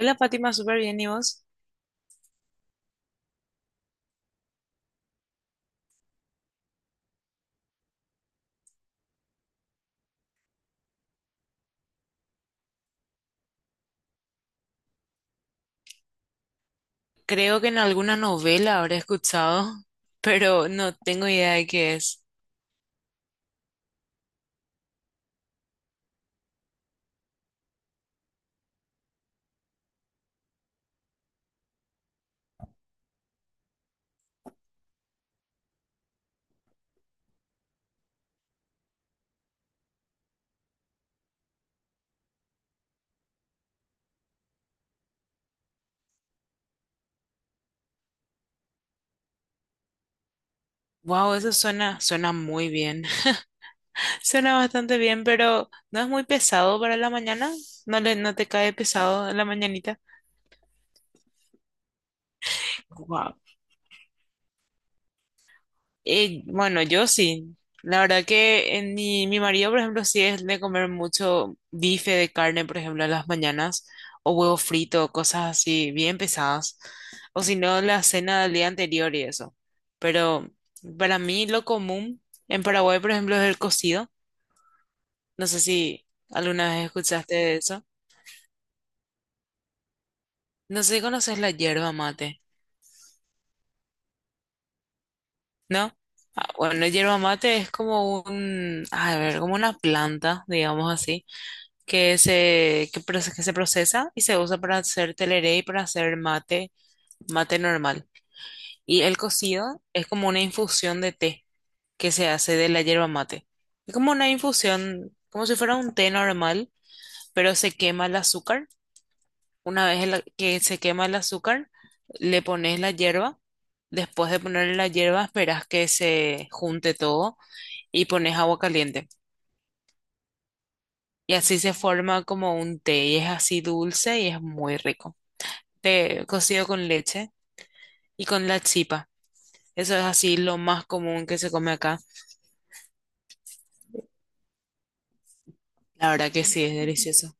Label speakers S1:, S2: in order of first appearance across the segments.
S1: Hola Fátima, súper bien, ¿y vos? Creo que en alguna novela habré escuchado, pero no tengo idea de qué es. Wow, eso suena muy bien. Suena bastante bien, pero ¿no es muy pesado para la mañana? No te cae pesado en la mañanita? Wow. Bueno, yo sí. La verdad que en mi marido, por ejemplo, sí es de comer mucho bife de carne, por ejemplo, a las mañanas, o huevo frito, cosas así bien pesadas. O si no, la cena del día anterior y eso. Pero para mí lo común en Paraguay, por ejemplo, es el cocido. No sé si alguna vez escuchaste de eso. No sé si conoces la yerba mate, ¿no? Ah, bueno, la yerba mate es como un, a ver, como una planta, digamos así que que se procesa y se usa para hacer tereré y para hacer mate, mate normal. Y el cocido es como una infusión de té que se hace de la yerba mate. Es como una infusión, como si fuera un té normal, pero se quema el azúcar. Una vez que se quema el azúcar, le pones la hierba. Después de ponerle la hierba, esperas que se junte todo y pones agua caliente. Y así se forma como un té y es así dulce y es muy rico. De cocido con leche y con la chipa. Eso es así lo más común que se come acá. La verdad que sí, es delicioso.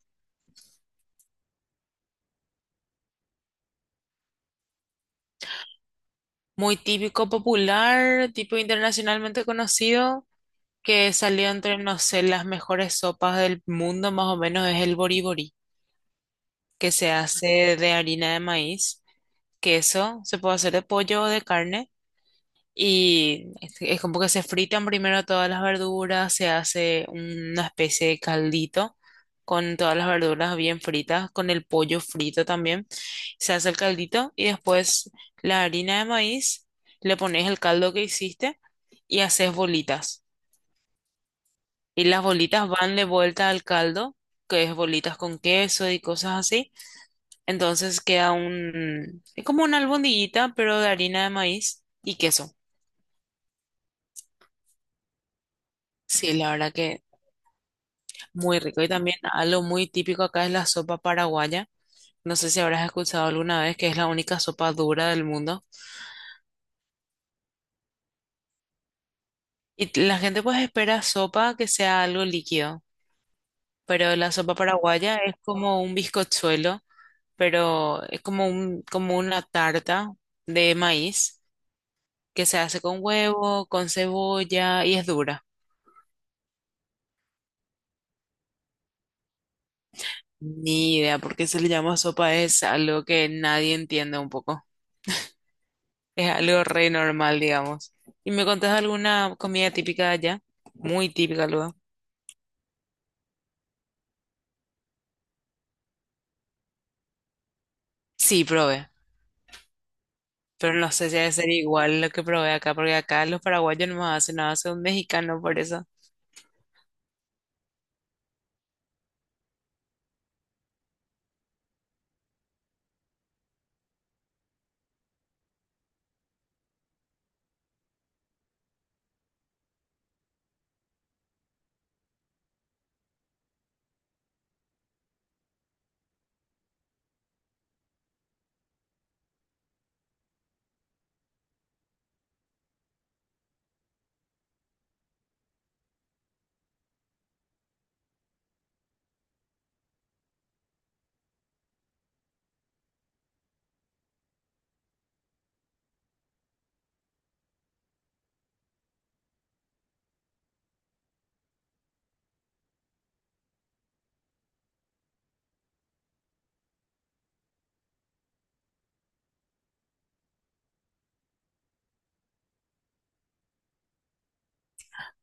S1: Muy típico, popular, tipo internacionalmente conocido, que salió entre, no sé, las mejores sopas del mundo, más o menos, es el boribori, que se hace de harina de maíz, queso, se puede hacer de pollo o de carne. Y es como que se fritan primero todas las verduras, se hace una especie de caldito con todas las verduras bien fritas, con el pollo frito también. Se hace el caldito y después la harina de maíz, le pones el caldo que hiciste y haces bolitas. Y las bolitas van de vuelta al caldo, que es bolitas con queso y cosas así. Entonces queda un, es como una albondiguita, pero de harina de maíz y queso. Sí, la verdad que muy rico. Y también algo muy típico acá es la sopa paraguaya. No sé si habrás escuchado alguna vez que es la única sopa dura del mundo. Y la gente pues espera sopa que sea algo líquido, pero la sopa paraguaya es como un bizcochuelo, pero es como un, como una tarta de maíz que se hace con huevo, con cebolla y es dura. Ni idea por qué se le llama sopa, es algo que nadie entiende un poco. Es algo re normal, digamos. ¿Y me contás alguna comida típica de allá? Muy típica, luego. Sí, probé. Pero no sé si debe ser igual lo que probé acá, porque acá los paraguayos no más hacen nada, hace un mexicano por eso.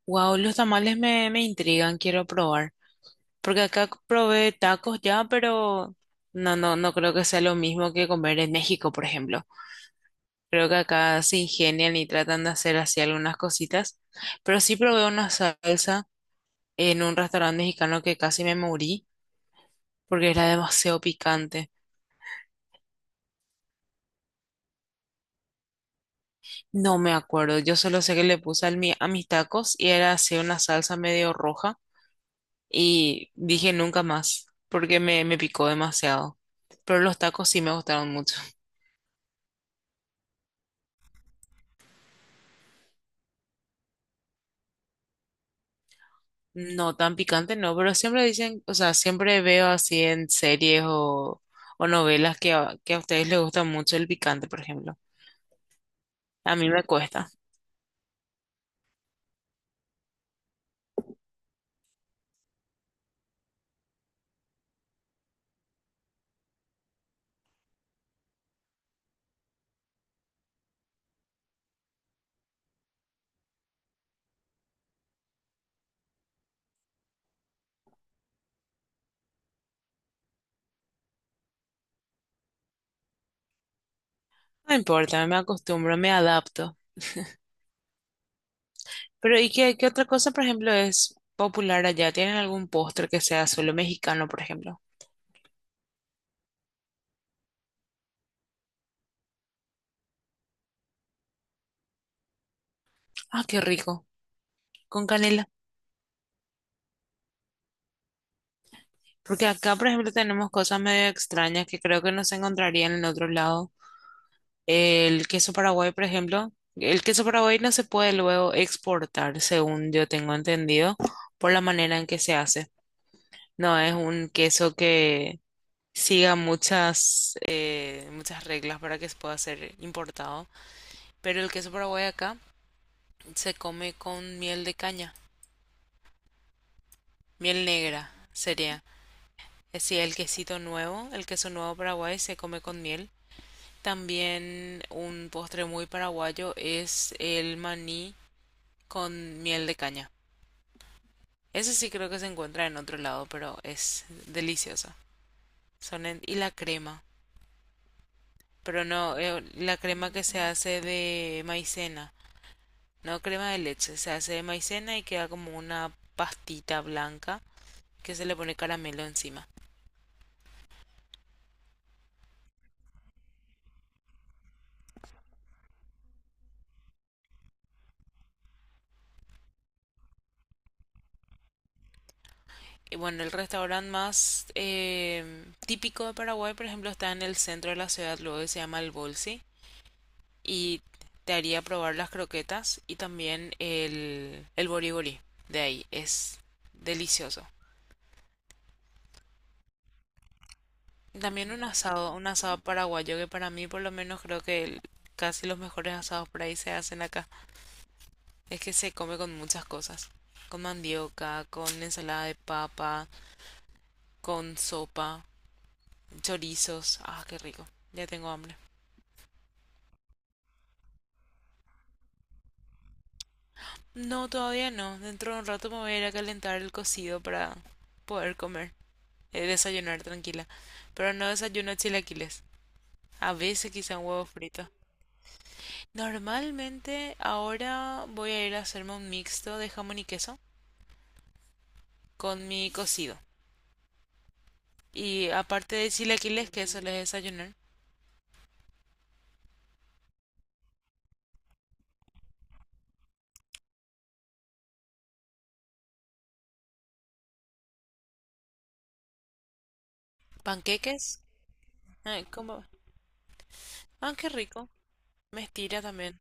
S1: Wow, los tamales me intrigan, quiero probar. Porque acá probé tacos ya, pero no creo que sea lo mismo que comer en México, por ejemplo. Creo que acá se ingenian y tratan de hacer así algunas cositas. Pero sí probé una salsa en un restaurante mexicano que casi me morí porque era demasiado picante. No me acuerdo, yo solo sé que le puse a mis tacos y era así una salsa medio roja y dije nunca más, porque me picó demasiado. Pero los tacos sí me gustaron mucho. No tan picante, no, pero siempre dicen, o sea, siempre veo así en series o novelas que que a ustedes les gusta mucho el picante, por ejemplo. A mí me cuesta. No importa, me acostumbro, me adapto. Pero ¿y qué otra cosa, por ejemplo, es popular allá? ¿Tienen algún postre que sea solo mexicano, por ejemplo? Ah, qué rico, con canela. Porque acá, por ejemplo, tenemos cosas medio extrañas que creo que no se encontrarían en otro lado. El queso paraguay, por ejemplo. El queso paraguay no se puede luego exportar, según yo tengo entendido, por la manera en que se hace. No es un queso que siga muchas, muchas reglas para que pueda ser importado. Pero el queso paraguay acá se come con miel de caña, miel negra sería. Es decir, el quesito nuevo, el queso nuevo Paraguay se come con miel. También un postre muy paraguayo es el maní con miel de caña. Ese sí creo que se encuentra en otro lado, pero es delicioso. Son y la crema, pero no la crema que se hace de maicena, no crema de leche, se hace de maicena y queda como una pastita blanca que se le pone caramelo encima. Y bueno, el restaurante más típico de Paraguay, por ejemplo, está en el centro de la ciudad, luego que se llama El Bolsi, y te haría probar las croquetas y también el boriborí de ahí. Es delicioso. También un asado paraguayo que para mí por lo menos creo que casi los mejores asados por ahí se hacen acá. Es que se come con muchas cosas. Con mandioca, con ensalada de papa, con sopa, chorizos. Ah, qué rico. Ya tengo hambre. No, todavía no. Dentro de un rato me voy a ir a calentar el cocido para poder comer, desayunar tranquila. Pero no desayuno chilaquiles. A veces quizá un huevo frito. Normalmente ahora voy a ir a hacerme un mixto de jamón y queso con mi cocido. Y aparte de chilaquiles, que eso les desayunar, panqueques, como... Ah, qué rico. Me estira también.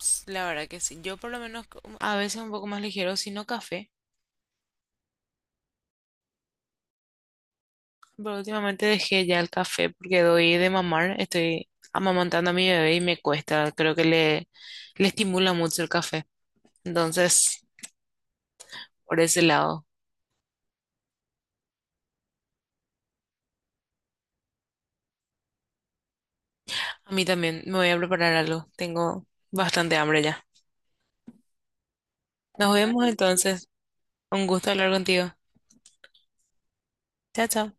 S1: Ps, la verdad que sí. Yo por lo menos como a veces un poco más ligero, si no café. Pero últimamente dejé ya el café porque doy de mamar. Estoy amamantando a mi bebé y me cuesta. Creo que le estimula mucho el café. Entonces, por ese lado. A mí también me voy a preparar algo. Tengo bastante hambre ya. Nos vemos entonces. Un gusto hablar contigo. Chao, chao.